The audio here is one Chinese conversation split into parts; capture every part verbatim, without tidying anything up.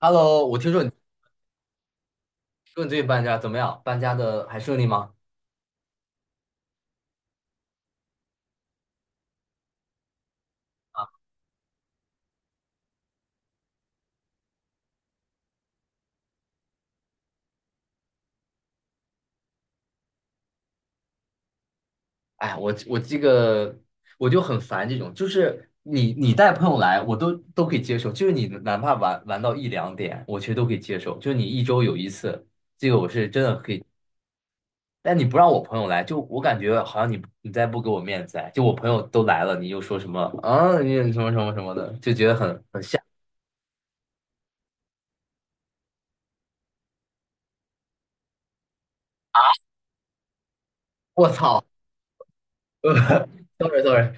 Hello，我听说你说你最近搬家怎么样？搬家的还顺利吗？啊，哎，我我这个我就很烦这种，就是你你带朋友来，我都都可以接受，就是你哪怕玩玩到一两点，我其实都可以接受，就是你一周有一次，这个我是真的可以。但你不让我朋友来，就我感觉好像你你再不给我面子哎，就我朋友都来了，你又说什么啊，你什么什么什么的，就觉得很很吓。我操 ，sorry sorry，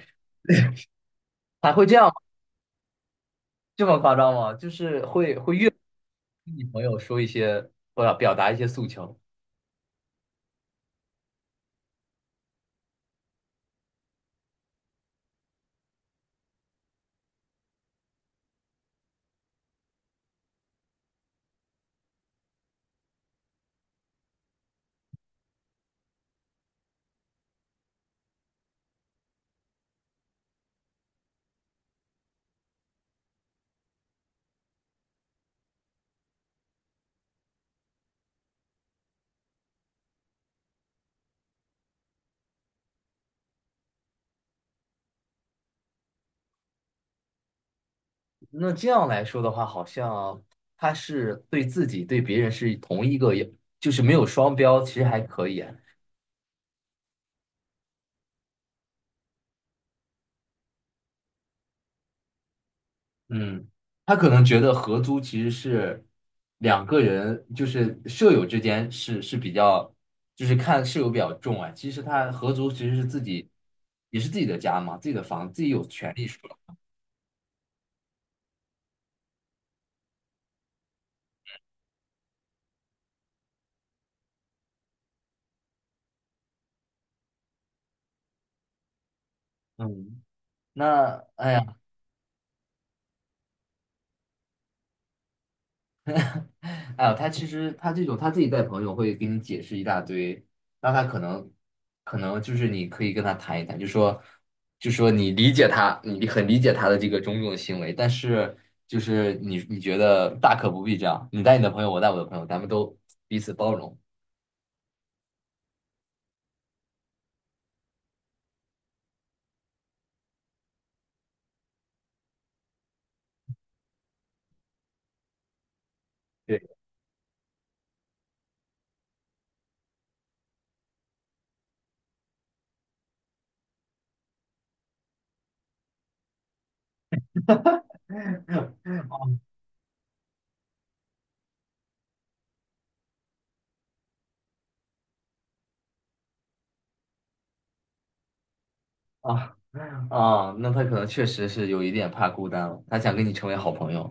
还会这样吗这么夸张吗？就是会会越跟你朋友说一些，或者表达一些诉求。那这样来说的话，好像他是对自己对别人是同一个，就是没有双标，其实还可以啊。嗯，他可能觉得合租其实是两个人，就是舍友之间是是比较，就是看舍友比较重啊。其实他合租其实是自己，也是自己的家嘛，自己的房，自己有权利说。嗯，那哎，哎呦，他其实他这种他自己带朋友会给你解释一大堆，那他可能可能就是你可以跟他谈一谈，就说就说你理解他，你很理解他的这个种种行为，但是就是你你觉得大可不必这样，你带你的朋友，我带我的朋友，咱们都彼此包容。对啊，啊，那他可能确实是有一点怕孤单了，他想跟你成为好朋友。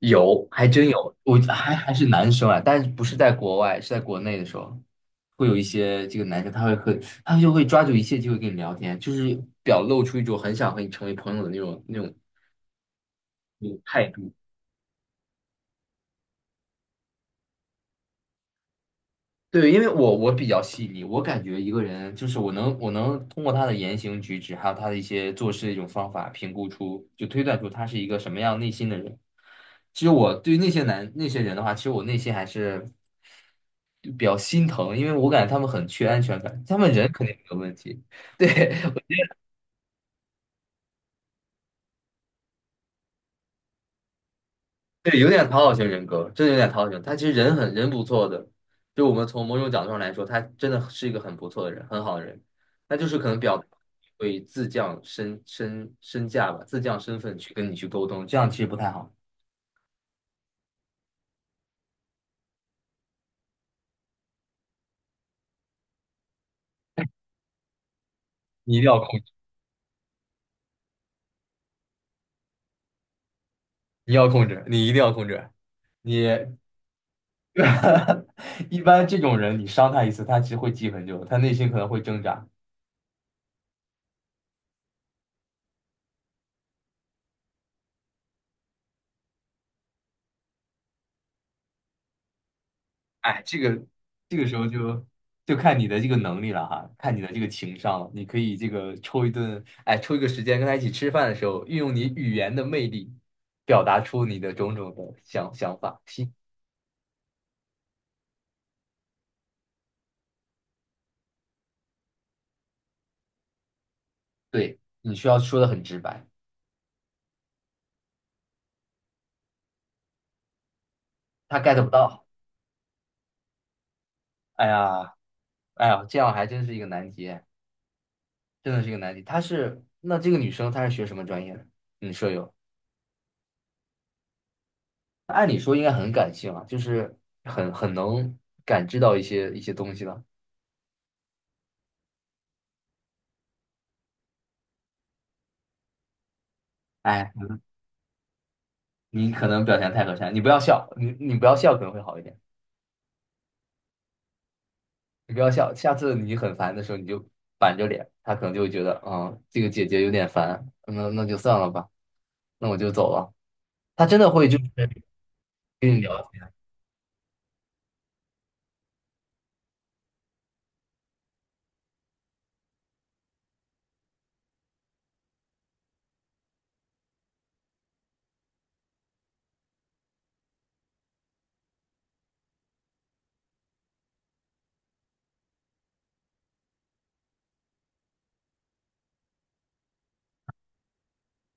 有，还真有，我还还是男生啊，但是不是在国外，是在国内的时候，会有一些这个男生，他会很，他就会抓住一切机会跟你聊天，就是表露出一种很想和你成为朋友的那种那种那种态度。对，因为我我比较细腻，我感觉一个人就是我能我能通过他的言行举止，还有他的一些做事的一种方法，评估出就推断出他是一个什么样内心的人。其实我对于那些男那些人的话，其实我内心还是就比较心疼，因为我感觉他们很缺安全感，他们人肯定没有问题，对，对，有点讨好型人格，真的有点讨好型。他其实人很人不错的，就我们从某种角度上来说，他真的是一个很不错的人，很好的人。他就是可能表达会自降身身身价吧，自降身份去跟你去沟通，这样其实不太好。你一定要控制，你要控制，你一定要控制。你 一般这种人，你伤他一次，他其实会记很久，他内心可能会挣扎。哎，这个这个时候就就看你的这个能力了哈，看你的这个情商了。你可以这个抽一顿，哎，抽一个时间跟他一起吃饭的时候，运用你语言的魅力，表达出你的种种的想想法。心，对，你需要说的很直白，他 get 不到。哎呀，哎呀，这样还真是一个难题，真的是一个难题。她是，那这个女生她是学什么专业的？你舍友，按理说应该很感性啊，就是很很能感知到一些一些东西了。哎。你可能表现太和善，你不要笑，你你不要笑可能会好一点，你不要笑，下次你很烦的时候你就板着脸，他可能就会觉得，嗯，这个姐姐有点烦，那那就算了吧，那我就走了。他真的会就是跟你聊，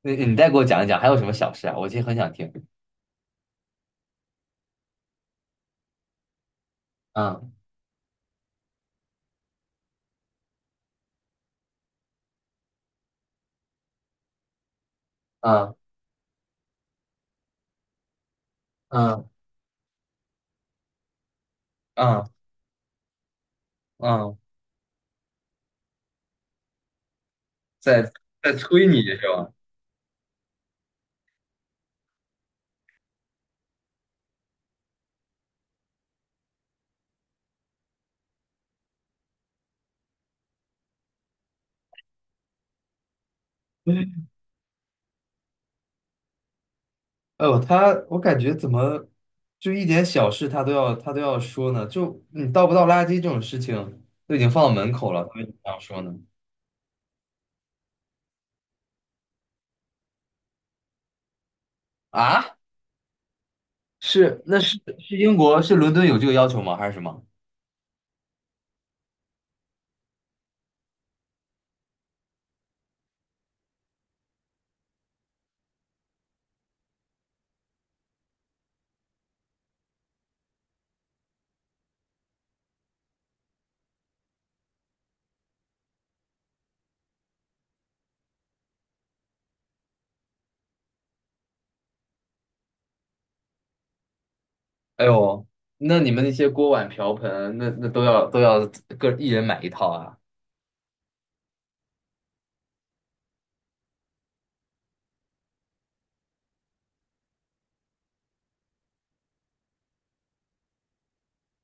你你再给我讲一讲，还有什么小事啊？我其实很想听。嗯嗯嗯嗯嗯，在在催你是吧？哦，他我感觉怎么就一点小事他都要他都要说呢？就你倒不倒垃圾这种事情都已经放到门口了，他为什么这样说呢？啊，是那是是英国是伦敦有这个要求吗？还是什么？哎呦，那你们那些锅碗瓢盆那那都要都要各一人买一套啊？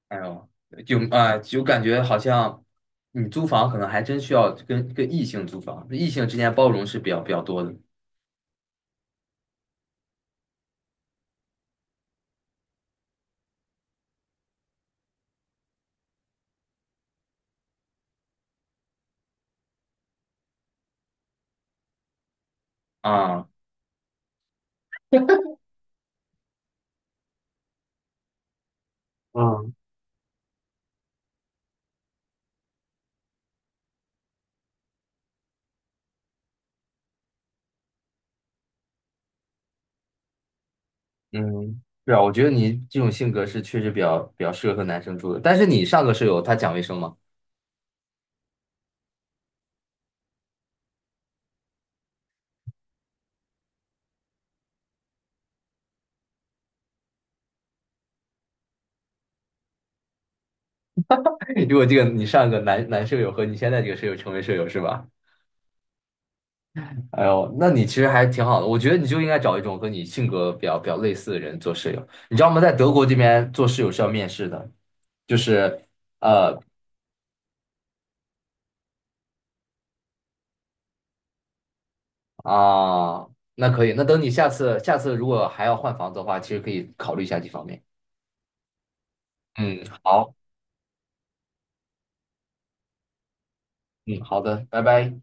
哎呦，就啊、就感觉好像你租房可能还真需要跟跟异性租房，异性之间包容是比较比较多的啊。嗯。嗯，是啊，我觉得你这种性格是确实比较比较适合和男生住的。但是你上个舍友他讲卫生吗？如果这个你上个男男舍友和你现在这个舍友成为舍友是吧？哎呦，那你其实还挺好的。我觉得你就应该找一种和你性格比较比较类似的人做室友。你知道吗？在德国这边做室友是要面试的，就是呃啊，那可以。那等你下次下次如果还要换房子的话，其实可以考虑一下这方面。嗯，好，嗯，好的，拜拜。